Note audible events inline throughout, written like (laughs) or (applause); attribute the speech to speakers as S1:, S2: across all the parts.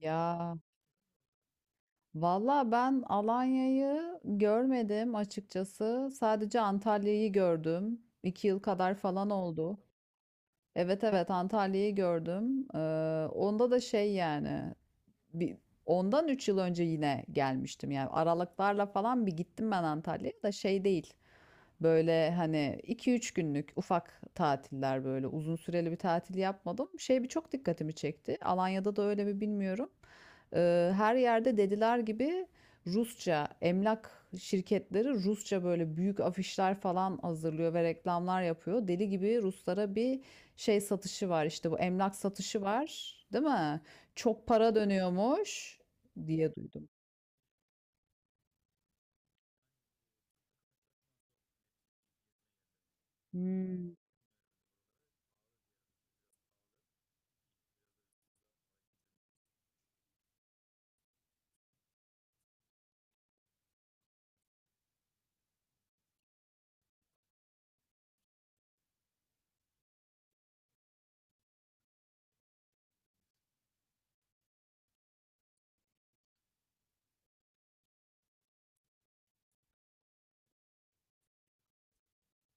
S1: Ya valla ben Alanya'yı görmedim açıkçası. Sadece Antalya'yı gördüm. İki yıl kadar falan oldu. Evet, evet Antalya'yı gördüm. Onda da şey yani bir, ondan 3 yıl önce yine gelmiştim. Yani aralıklarla falan bir gittim ben Antalya'ya da şey değil. Böyle hani 2-3 günlük ufak tatiller, böyle uzun süreli bir tatil yapmadım. Şey bir çok dikkatimi çekti. Alanya'da da öyle mi bilmiyorum. Her yerde dediler gibi Rusça emlak şirketleri Rusça böyle büyük afişler falan hazırlıyor ve reklamlar yapıyor. Deli gibi Ruslara bir şey satışı var, işte bu emlak satışı var, değil mi? Çok para dönüyormuş diye duydum. Hımm.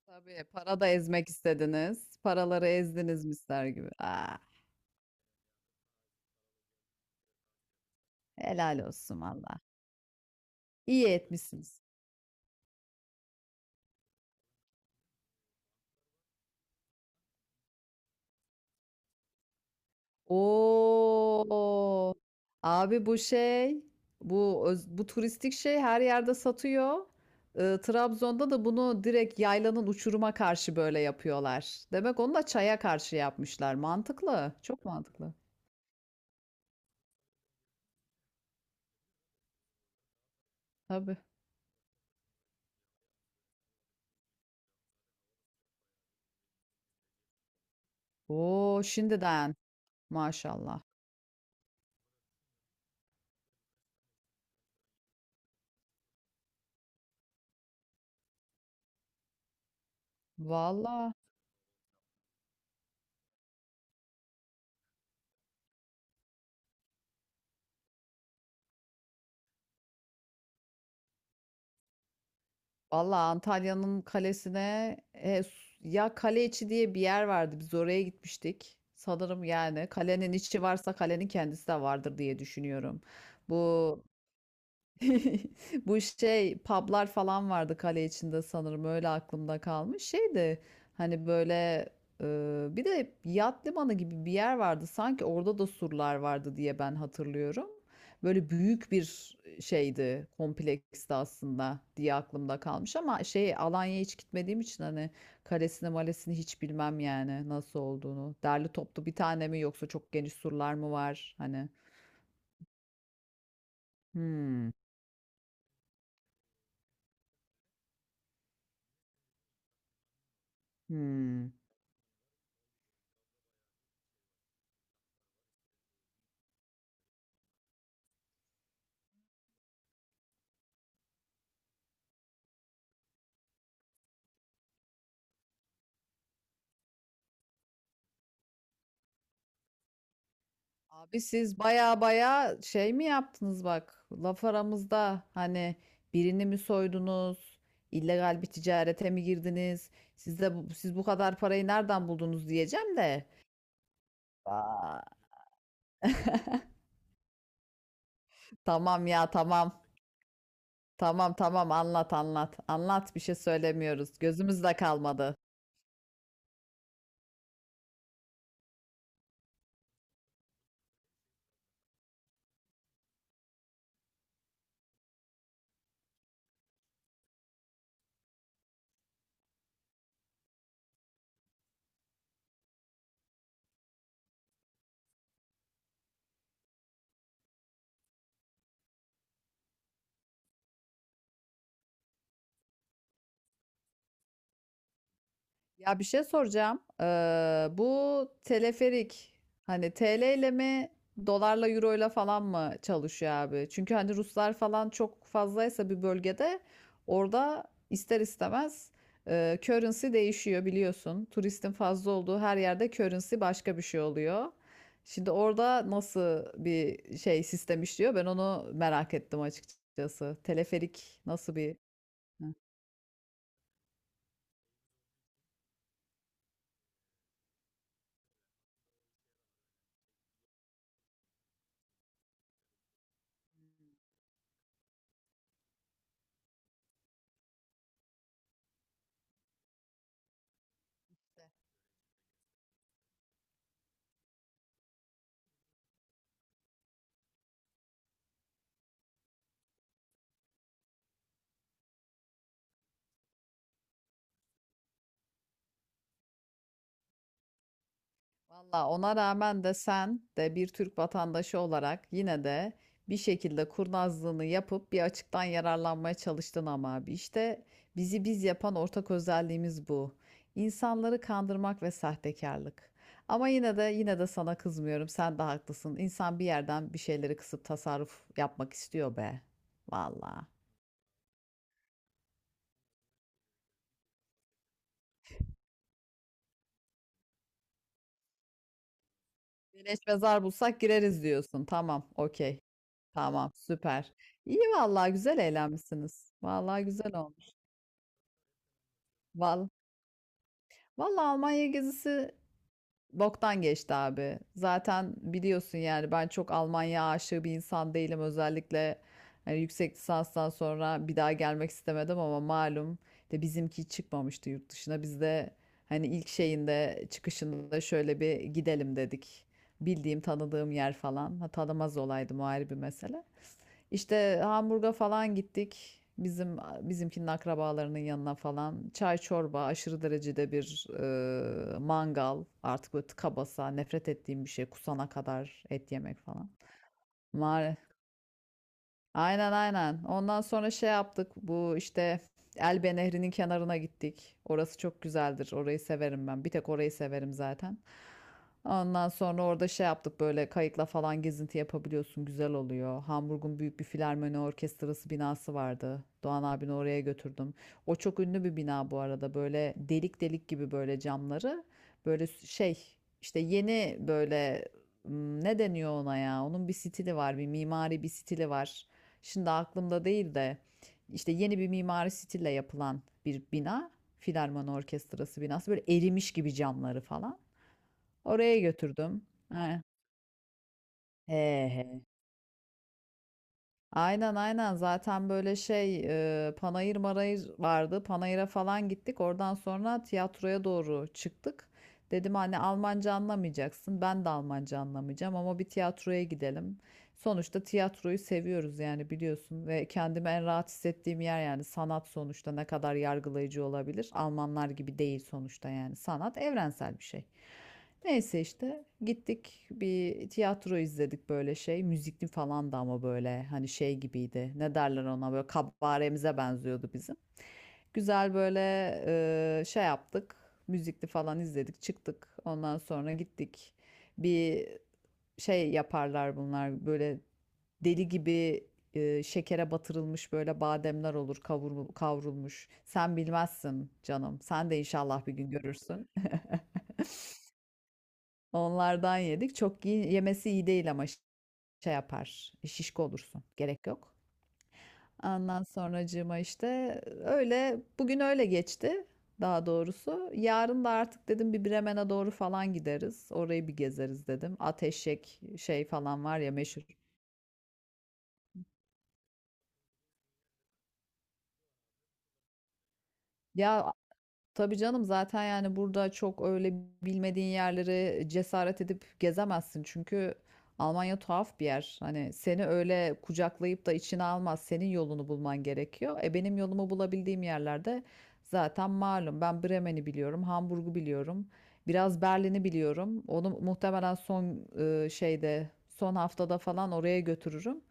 S1: Tabii, para da ezmek istediniz. Paraları ezdiniz mister gibi. Ah, helal olsun valla. İyi etmişsiniz. Oo, abi bu şey, bu öz bu turistik şey her yerde satıyor. Trabzon'da da bunu direkt yaylanın uçuruma karşı böyle yapıyorlar. Demek onu da çaya karşı yapmışlar. Mantıklı, çok mantıklı. Tabii. O! Şimdiden maşallah. Valla, valla Antalya'nın kalesine ya kale içi diye bir yer vardı. Biz oraya gitmiştik. Sanırım yani kalenin içi varsa kalenin kendisi de vardır diye düşünüyorum. Bu (laughs) Bu şey publar falan vardı kale içinde sanırım, öyle aklımda kalmış. Şey de hani böyle e, bir de yat limanı gibi bir yer vardı. Sanki orada da surlar vardı diye ben hatırlıyorum. Böyle büyük bir şeydi, kompleksti aslında diye aklımda kalmış ama şey Alanya'ya hiç gitmediğim için hani kalesini malesini hiç bilmem yani nasıl olduğunu. Derli toplu bir tane mi yoksa çok geniş surlar mı var? Hani hmm, hmm. Abi siz baya baya şey mi yaptınız, bak laf aramızda hani birini mi soydunuz, illegal bir ticarete mi girdiniz siz de bu, siz bu kadar parayı nereden buldunuz diyeceğim de. Aa, tamam ya, tamam, tamam, tamam, anlat, anlat, anlat, bir şey söylemiyoruz, gözümüzde kalmadı. Ya bir şey soracağım. Bu teleferik hani TL ile mi, dolarla, euro ile falan mı çalışıyor abi? Çünkü hani Ruslar falan çok fazlaysa bir bölgede orada ister istemez currency değişiyor biliyorsun. Turistin fazla olduğu her yerde currency başka bir şey oluyor. Şimdi orada nasıl bir şey sistem işliyor? Ben onu merak ettim açıkçası. Teleferik nasıl bir Hı. Valla ona rağmen de sen de bir Türk vatandaşı olarak yine de bir şekilde kurnazlığını yapıp bir açıktan yararlanmaya çalıştın ama abi. İşte bizi biz yapan ortak özelliğimiz bu. İnsanları kandırmak ve sahtekarlık. Ama yine de sana kızmıyorum. Sen de haklısın. İnsan bir yerden bir şeyleri kısıp tasarruf yapmak istiyor be. Valla. Beleş mezar bulsak gireriz diyorsun. Tamam, okey. Tamam, süper. İyi vallahi, güzel eğlenmişsiniz. Vallahi güzel olmuş. Val Vallahi Almanya gezisi boktan geçti abi. Zaten biliyorsun yani ben çok Almanya aşığı bir insan değilim. Özellikle hani yüksek lisanstan sonra bir daha gelmek istemedim ama malum de bizimki çıkmamıştı yurt dışına. Biz de hani ilk şeyinde, çıkışında şöyle bir gidelim dedik. Bildiğim, tanıdığım yer falan. Ha, tanımaz olaydı, o ayrı bir mesele. İşte Hamburg'a falan gittik. Bizimkinin akrabalarının yanına falan. Çay, çorba, aşırı derecede bir mangal. Artık böyle tıka basa nefret ettiğim bir şey. Kusana kadar et yemek falan. Maalesef. Aynen, aynen. Ondan sonra şey yaptık. Bu işte Elbe Nehri'nin kenarına gittik. Orası çok güzeldir. Orayı severim ben. Bir tek orayı severim zaten. Ondan sonra orada şey yaptık, böyle kayıkla falan gezinti yapabiliyorsun. Güzel oluyor. Hamburg'un büyük bir filarmoni orkestrası binası vardı. Doğan abini oraya götürdüm. O çok ünlü bir bina bu arada. Böyle delik delik gibi böyle camları. Böyle şey işte yeni böyle. Hmm, ne deniyor ona ya? Onun bir stili var, bir mimari bir stili var. Şimdi aklımda değil de işte yeni bir mimari stille yapılan bir bina. Filarmoni Orkestrası binası. Böyle erimiş gibi camları falan. Oraya götürdüm. He. He Aynen, aynen, zaten böyle şey Panayır Marayır vardı. Panayır'a falan gittik. Oradan sonra tiyatroya doğru çıktık. Dedim anne Almanca anlamayacaksın. Ben de Almanca anlamayacağım ama bir tiyatroya gidelim. Sonuçta tiyatroyu seviyoruz yani, biliyorsun, ve kendimi en rahat hissettiğim yer yani sanat, sonuçta ne kadar yargılayıcı olabilir? Almanlar gibi değil sonuçta, yani sanat evrensel bir şey. Neyse işte gittik bir tiyatro izledik böyle şey. Müzikli falan da ama böyle hani şey gibiydi. Ne derler ona, böyle kabaremize benziyordu bizim. Güzel böyle şey yaptık. Müzikli falan izledik çıktık. Ondan sonra gittik. Bir şey yaparlar bunlar böyle deli gibi şekere batırılmış böyle bademler olur, kavrulmuş. Sen bilmezsin canım. Sen de inşallah bir gün görürsün. Onlardan yedik. Çok iyi, yemesi iyi değil ama şey yapar. Şişko olursun. Gerek yok. Ondan sonracığıma işte öyle, bugün öyle geçti daha doğrusu. Yarın da artık dedim bir Bremen'e doğru falan gideriz. Orayı bir gezeriz dedim. Ateşek şey falan var ya, meşhur. Ya Tabii canım, zaten yani burada çok öyle bilmediğin yerleri cesaret edip gezemezsin. Çünkü Almanya tuhaf bir yer. Hani seni öyle kucaklayıp da içine almaz. Senin yolunu bulman gerekiyor. E benim yolumu bulabildiğim yerlerde zaten malum. Ben Bremen'i biliyorum, Hamburg'u biliyorum. Biraz Berlin'i biliyorum. Onu muhtemelen son şeyde, son haftada falan oraya götürürüm.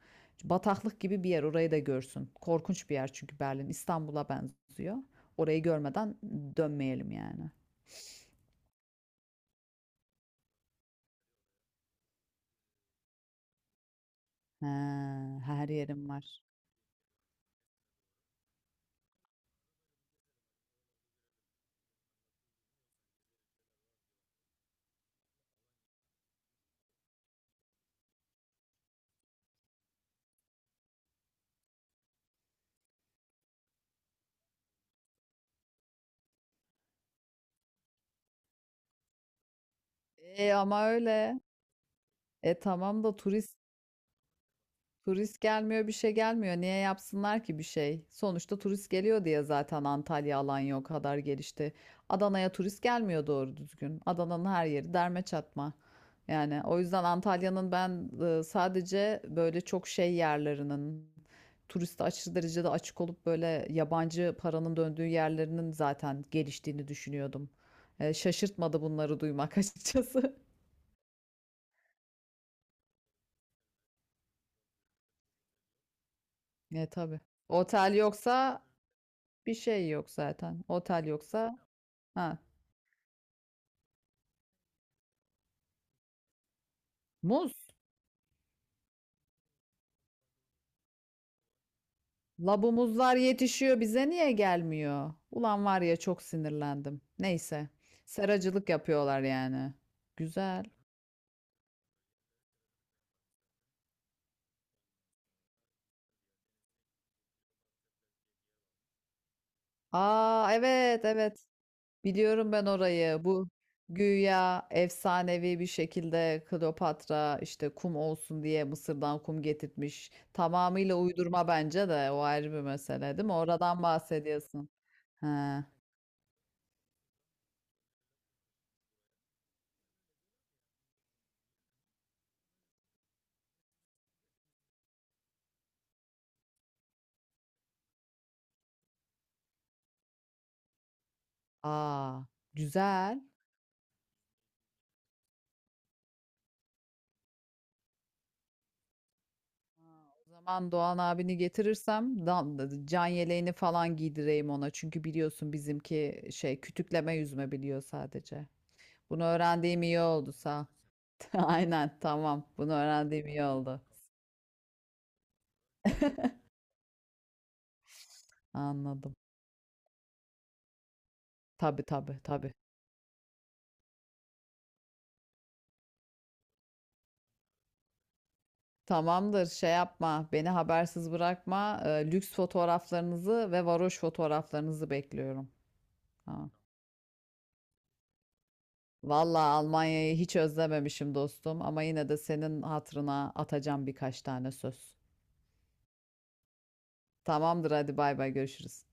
S1: Bataklık gibi bir yer, orayı da görsün. Korkunç bir yer çünkü Berlin İstanbul'a benziyor. Orayı görmeden dönmeyelim yani. Ha, her yerim var. E ama öyle. E tamam da turist. Turist gelmiyor, bir şey gelmiyor. Niye yapsınlar ki bir şey? Sonuçta turist geliyor diye zaten Antalya, Alanya o kadar gelişti. Adana'ya turist gelmiyor doğru düzgün. Adana'nın her yeri derme çatma. Yani o yüzden Antalya'nın ben sadece böyle çok şey yerlerinin, turiste aşırı derecede açık olup böyle yabancı paranın döndüğü yerlerinin zaten geliştiğini düşünüyordum. E, şaşırtmadı bunları duymak (laughs) açıkçası. E tabii. Otel yoksa bir şey yok zaten. Otel yoksa Ha, muz. Labu muzlar yetişiyor, bize niye gelmiyor? Ulan var ya, çok sinirlendim. Neyse. Seracılık yapıyorlar yani. Güzel. Aa evet, evet. Biliyorum ben orayı. Bu güya efsanevi bir şekilde Kleopatra işte kum olsun diye Mısır'dan kum getirtmiş. Tamamıyla uydurma bence de, o ayrı bir mesele, değil mi? Oradan bahsediyorsun. Ha. Aa, güzel. O zaman Doğan abini getirirsem dan, can yeleğini falan giydireyim ona. Çünkü biliyorsun bizimki şey kütükleme yüzme biliyor sadece. Bunu öğrendiğim iyi oldu sağ. (laughs) Aynen, tamam. Bunu öğrendiğim iyi oldu. Anladım. Tabii, tabii, tabii. Tamamdır, şey yapma, beni habersiz bırakma. Lüks fotoğraflarınızı ve varoş fotoğraflarınızı bekliyorum. Ha. Vallahi Almanya'yı hiç özlememişim dostum ama yine de senin hatırına atacağım birkaç tane söz. Tamamdır, hadi bay bay, görüşürüz.